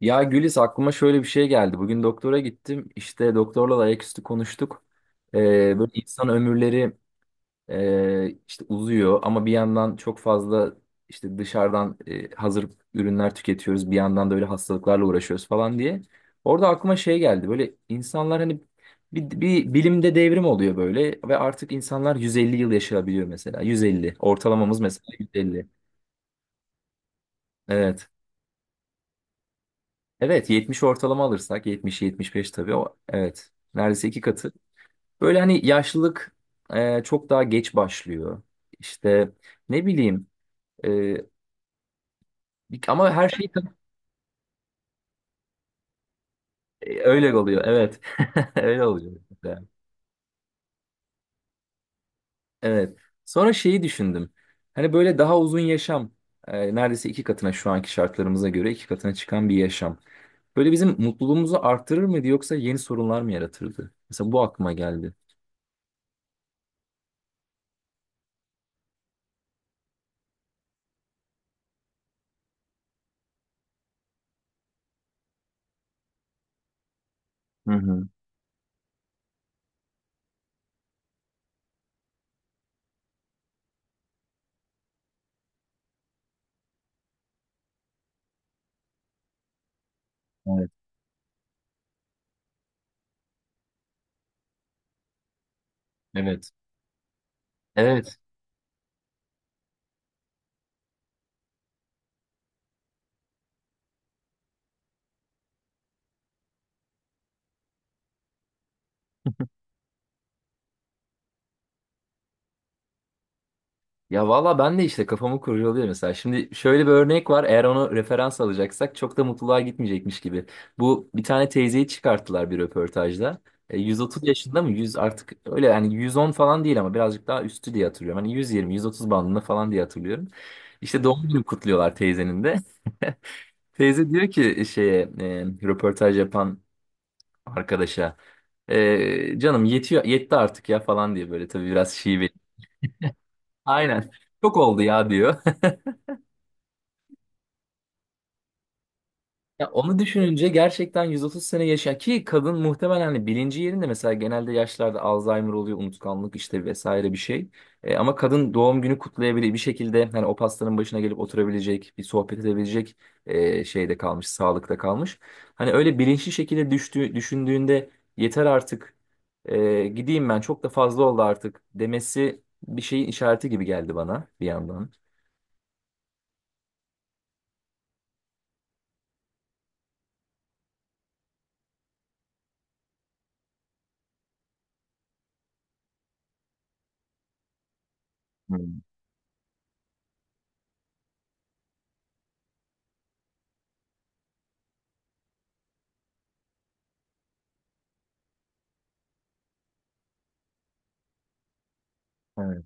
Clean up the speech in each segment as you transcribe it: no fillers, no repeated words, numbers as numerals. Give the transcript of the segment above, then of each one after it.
Ya Gülis, aklıma şöyle bir şey geldi. Bugün doktora gittim. İşte doktorla da ayaküstü konuştuk. Ee, böyle insan ömürleri işte uzuyor ama bir yandan çok fazla işte dışarıdan hazır ürünler tüketiyoruz. Bir yandan da öyle hastalıklarla uğraşıyoruz falan diye. Orada aklıma şey geldi. Böyle insanlar hani bir bilimde devrim oluyor böyle ve artık insanlar 150 yıl yaşayabiliyor mesela. 150. Ortalamamız mesela 150. Evet. Evet, 70 ortalama alırsak 70-75, tabii o, evet, neredeyse iki katı. Böyle hani yaşlılık çok daha geç başlıyor. İşte ne bileyim, e, ama her şey tabii- Öyle oluyor, evet. Öyle oluyor. Evet, sonra şeyi düşündüm, hani böyle daha uzun yaşam, neredeyse iki katına, şu anki şartlarımıza göre iki katına çıkan bir yaşam. Böyle bizim mutluluğumuzu artırır mıydı, yoksa yeni sorunlar mı yaratırdı? Mesela bu aklıma geldi. Hı hı. Evet. Evet. Evet. Ya valla ben de işte kafamı kurcalıyor mesela. Şimdi şöyle bir örnek var. Eğer onu referans alacaksak, çok da mutluluğa gitmeyecekmiş gibi. Bu bir tane teyzeyi çıkarttılar bir röportajda. 130 yaşında mı? 100, artık öyle yani 110 falan değil ama birazcık daha üstü diye hatırlıyorum. Hani 120, 130 bandında falan diye hatırlıyorum. İşte doğum günü kutluyorlar teyzenin de. Teyze diyor ki şeye, röportaj yapan arkadaşa, canım yetiyor, yetti artık ya falan diye, böyle tabii biraz şive. Aynen. Çok oldu ya diyor. Ya onu düşününce, gerçekten 130 sene yaşa ki, kadın muhtemelen hani bilinci yerinde, mesela genelde yaşlarda Alzheimer oluyor, unutkanlık işte vesaire bir şey. Ama kadın doğum günü kutlayabilir bir şekilde, hani o pastanın başına gelip oturabilecek, bir sohbet edebilecek şeyde kalmış, sağlıkta kalmış. Hani öyle bilinçli şekilde düşündüğünde, yeter artık, gideyim ben, çok da fazla oldu artık demesi, bir şeyin işareti gibi geldi bana bir yandan. Hmm. Evet.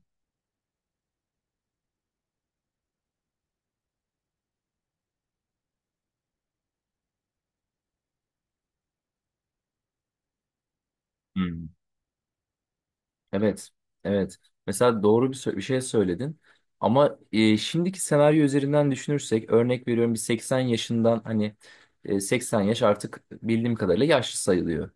Hmm. Evet, evet. Mesela doğru bir şey söyledin. Ama şimdiki senaryo üzerinden düşünürsek, örnek veriyorum, bir 80 yaşından hani, 80 yaş artık bildiğim kadarıyla yaşlı sayılıyor.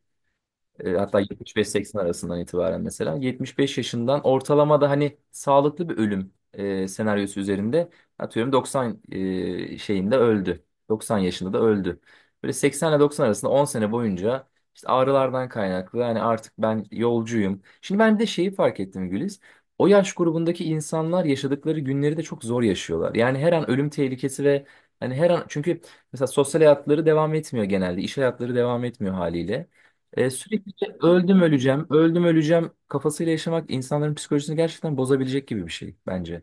Hatta 75-80 arasından itibaren, mesela 75 yaşından ortalama da hani sağlıklı bir ölüm senaryosu üzerinde, atıyorum 90 şeyinde öldü. 90 yaşında da öldü. Böyle 80 ile 90 arasında 10 sene boyunca işte ağrılardan kaynaklı, yani artık ben yolcuyum. Şimdi ben bir de şeyi fark ettim Güliz. O yaş grubundaki insanlar yaşadıkları günleri de çok zor yaşıyorlar. Yani her an ölüm tehlikesi ve, hani her an, çünkü mesela sosyal hayatları devam etmiyor genelde. İş hayatları devam etmiyor haliyle. Sürekli işte öldüm öleceğim, öldüm öleceğim kafasıyla yaşamak insanların psikolojisini gerçekten bozabilecek gibi bir şey bence.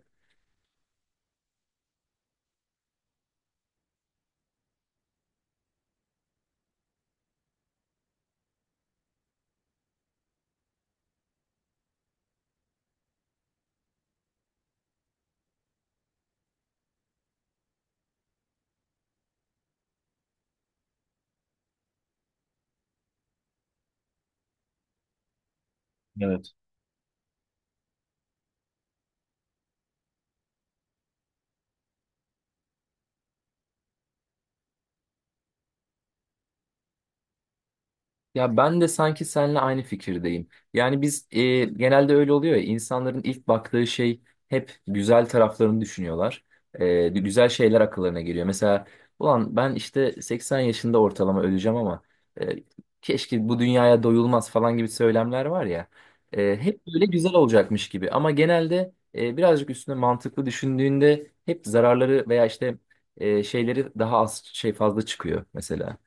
Ya ben de sanki seninle aynı fikirdeyim. Yani biz, genelde öyle oluyor ya, insanların ilk baktığı şey, hep güzel taraflarını düşünüyorlar. Güzel şeyler akıllarına geliyor. Mesela ulan ben işte 80 yaşında ortalama öleceğim ama, e, keşke bu dünyaya doyulmaz falan gibi söylemler var ya. Hep böyle güzel olacakmış gibi ama genelde birazcık üstüne mantıklı düşündüğünde hep zararları veya işte şeyleri daha az, şey fazla çıkıyor mesela.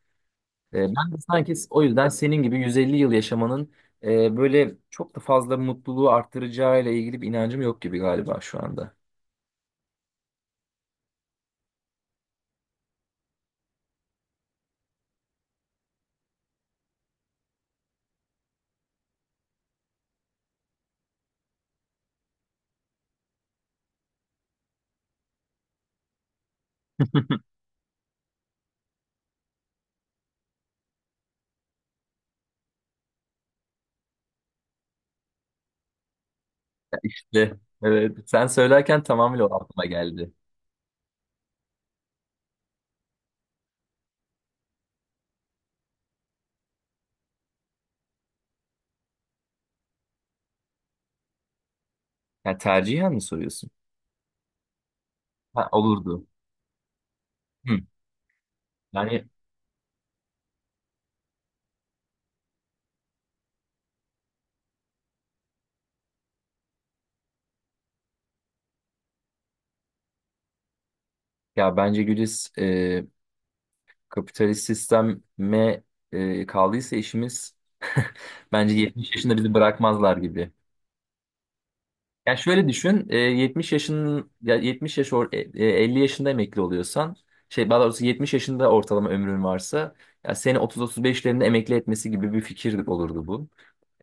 Ben de sanki o yüzden senin gibi 150 yıl yaşamanın böyle çok da fazla mutluluğu arttıracağıyla ilgili bir inancım yok gibi galiba şu anda. De, evet, sen söylerken tamamıyla o aklıma geldi. Yani tercihen mi soruyorsun? Ha, olurdu. Hı. Yani, ya bence Güliz, kapitalist sisteme kaldıysa işimiz, bence 70 yaşında bizi bırakmazlar gibi. Ya şöyle düşün, 70 yaşın, ya 70 yaş 50 yaşında emekli oluyorsan, şey, daha doğrusu 70 yaşında ortalama ömrün varsa, ya seni 30-35'lerinde emekli etmesi gibi bir fikir olurdu bu.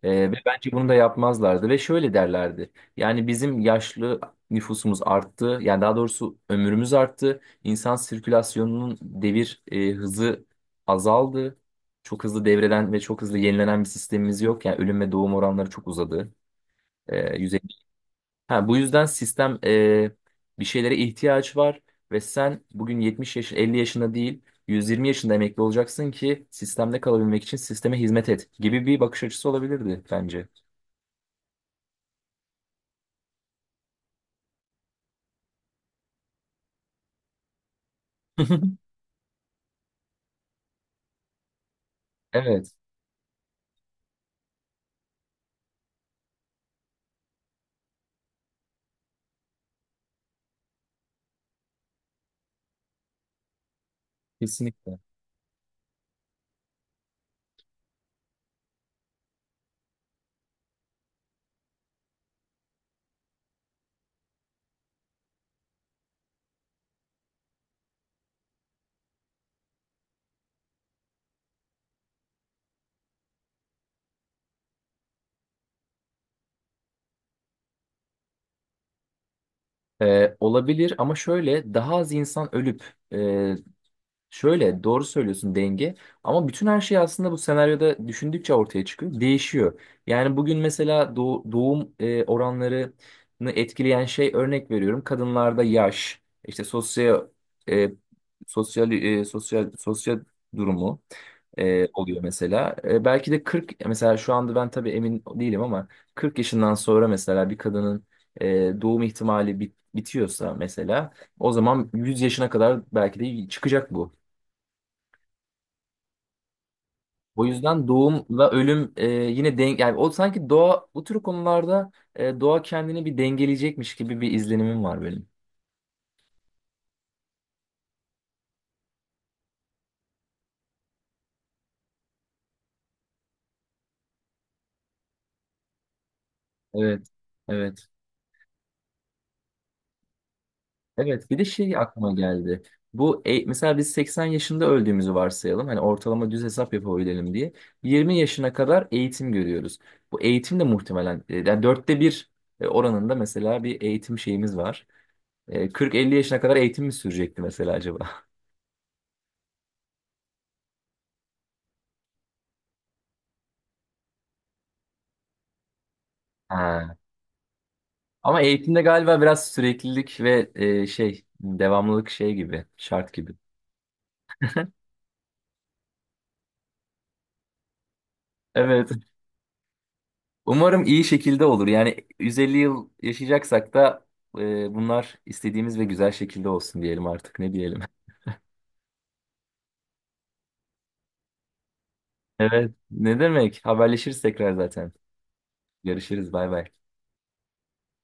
Ve bence bunu da yapmazlardı ve şöyle derlerdi. Yani bizim yaşlı nüfusumuz arttı, yani daha doğrusu ömrümüz arttı. İnsan sirkülasyonunun devir hızı azaldı. Çok hızlı devreden ve çok hızlı yenilenen bir sistemimiz yok. Yani ölüm ve doğum oranları çok uzadı. E, Ha, bu yüzden sistem, bir şeylere ihtiyaç var ve sen bugün 70 yaş, 50 yaşında değil, 120 yaşında emekli olacaksın ki sistemde kalabilmek için sisteme hizmet et gibi bir bakış açısı olabilirdi bence. Evet, kesinlikle. Olabilir ama, şöyle daha az insan ölüp e, şöyle, doğru söylüyorsun, denge, ama bütün her şey aslında bu senaryoda düşündükçe ortaya çıkıyor, değişiyor. Yani bugün mesela doğum oranlarını etkileyen şey, örnek veriyorum, kadınlarda yaş, işte sosyal e, sosyal durumu oluyor mesela. Belki de 40, mesela şu anda ben tabii emin değilim ama, 40 yaşından sonra mesela bir kadının e, doğum ihtimali bitiyorsa mesela, o zaman 100 yaşına kadar belki de çıkacak bu. O yüzden doğumla ölüm yine denk, yani o sanki doğa bu tür konularda, doğa kendini bir dengeleyecekmiş gibi bir izlenimim var benim. Evet. Evet. Evet, bir de şey aklıma geldi. Bu, mesela biz 80 yaşında öldüğümüzü varsayalım. Hani ortalama düz hesap yapabilelim diye. 20 yaşına kadar eğitim görüyoruz. Bu eğitim de muhtemelen, yani dörtte bir oranında mesela bir eğitim şeyimiz var. 40-50 yaşına kadar eğitim mi sürecekti mesela acaba? Ha. Ama eğitimde galiba biraz süreklilik ve şey devamlılık, şey gibi, şart gibi. Evet. Umarım iyi şekilde olur. Yani 150 yıl yaşayacaksak da bunlar istediğimiz ve güzel şekilde olsun diyelim artık. Ne diyelim? Evet. Ne demek? Haberleşiriz tekrar zaten. Görüşürüz. Bay bay.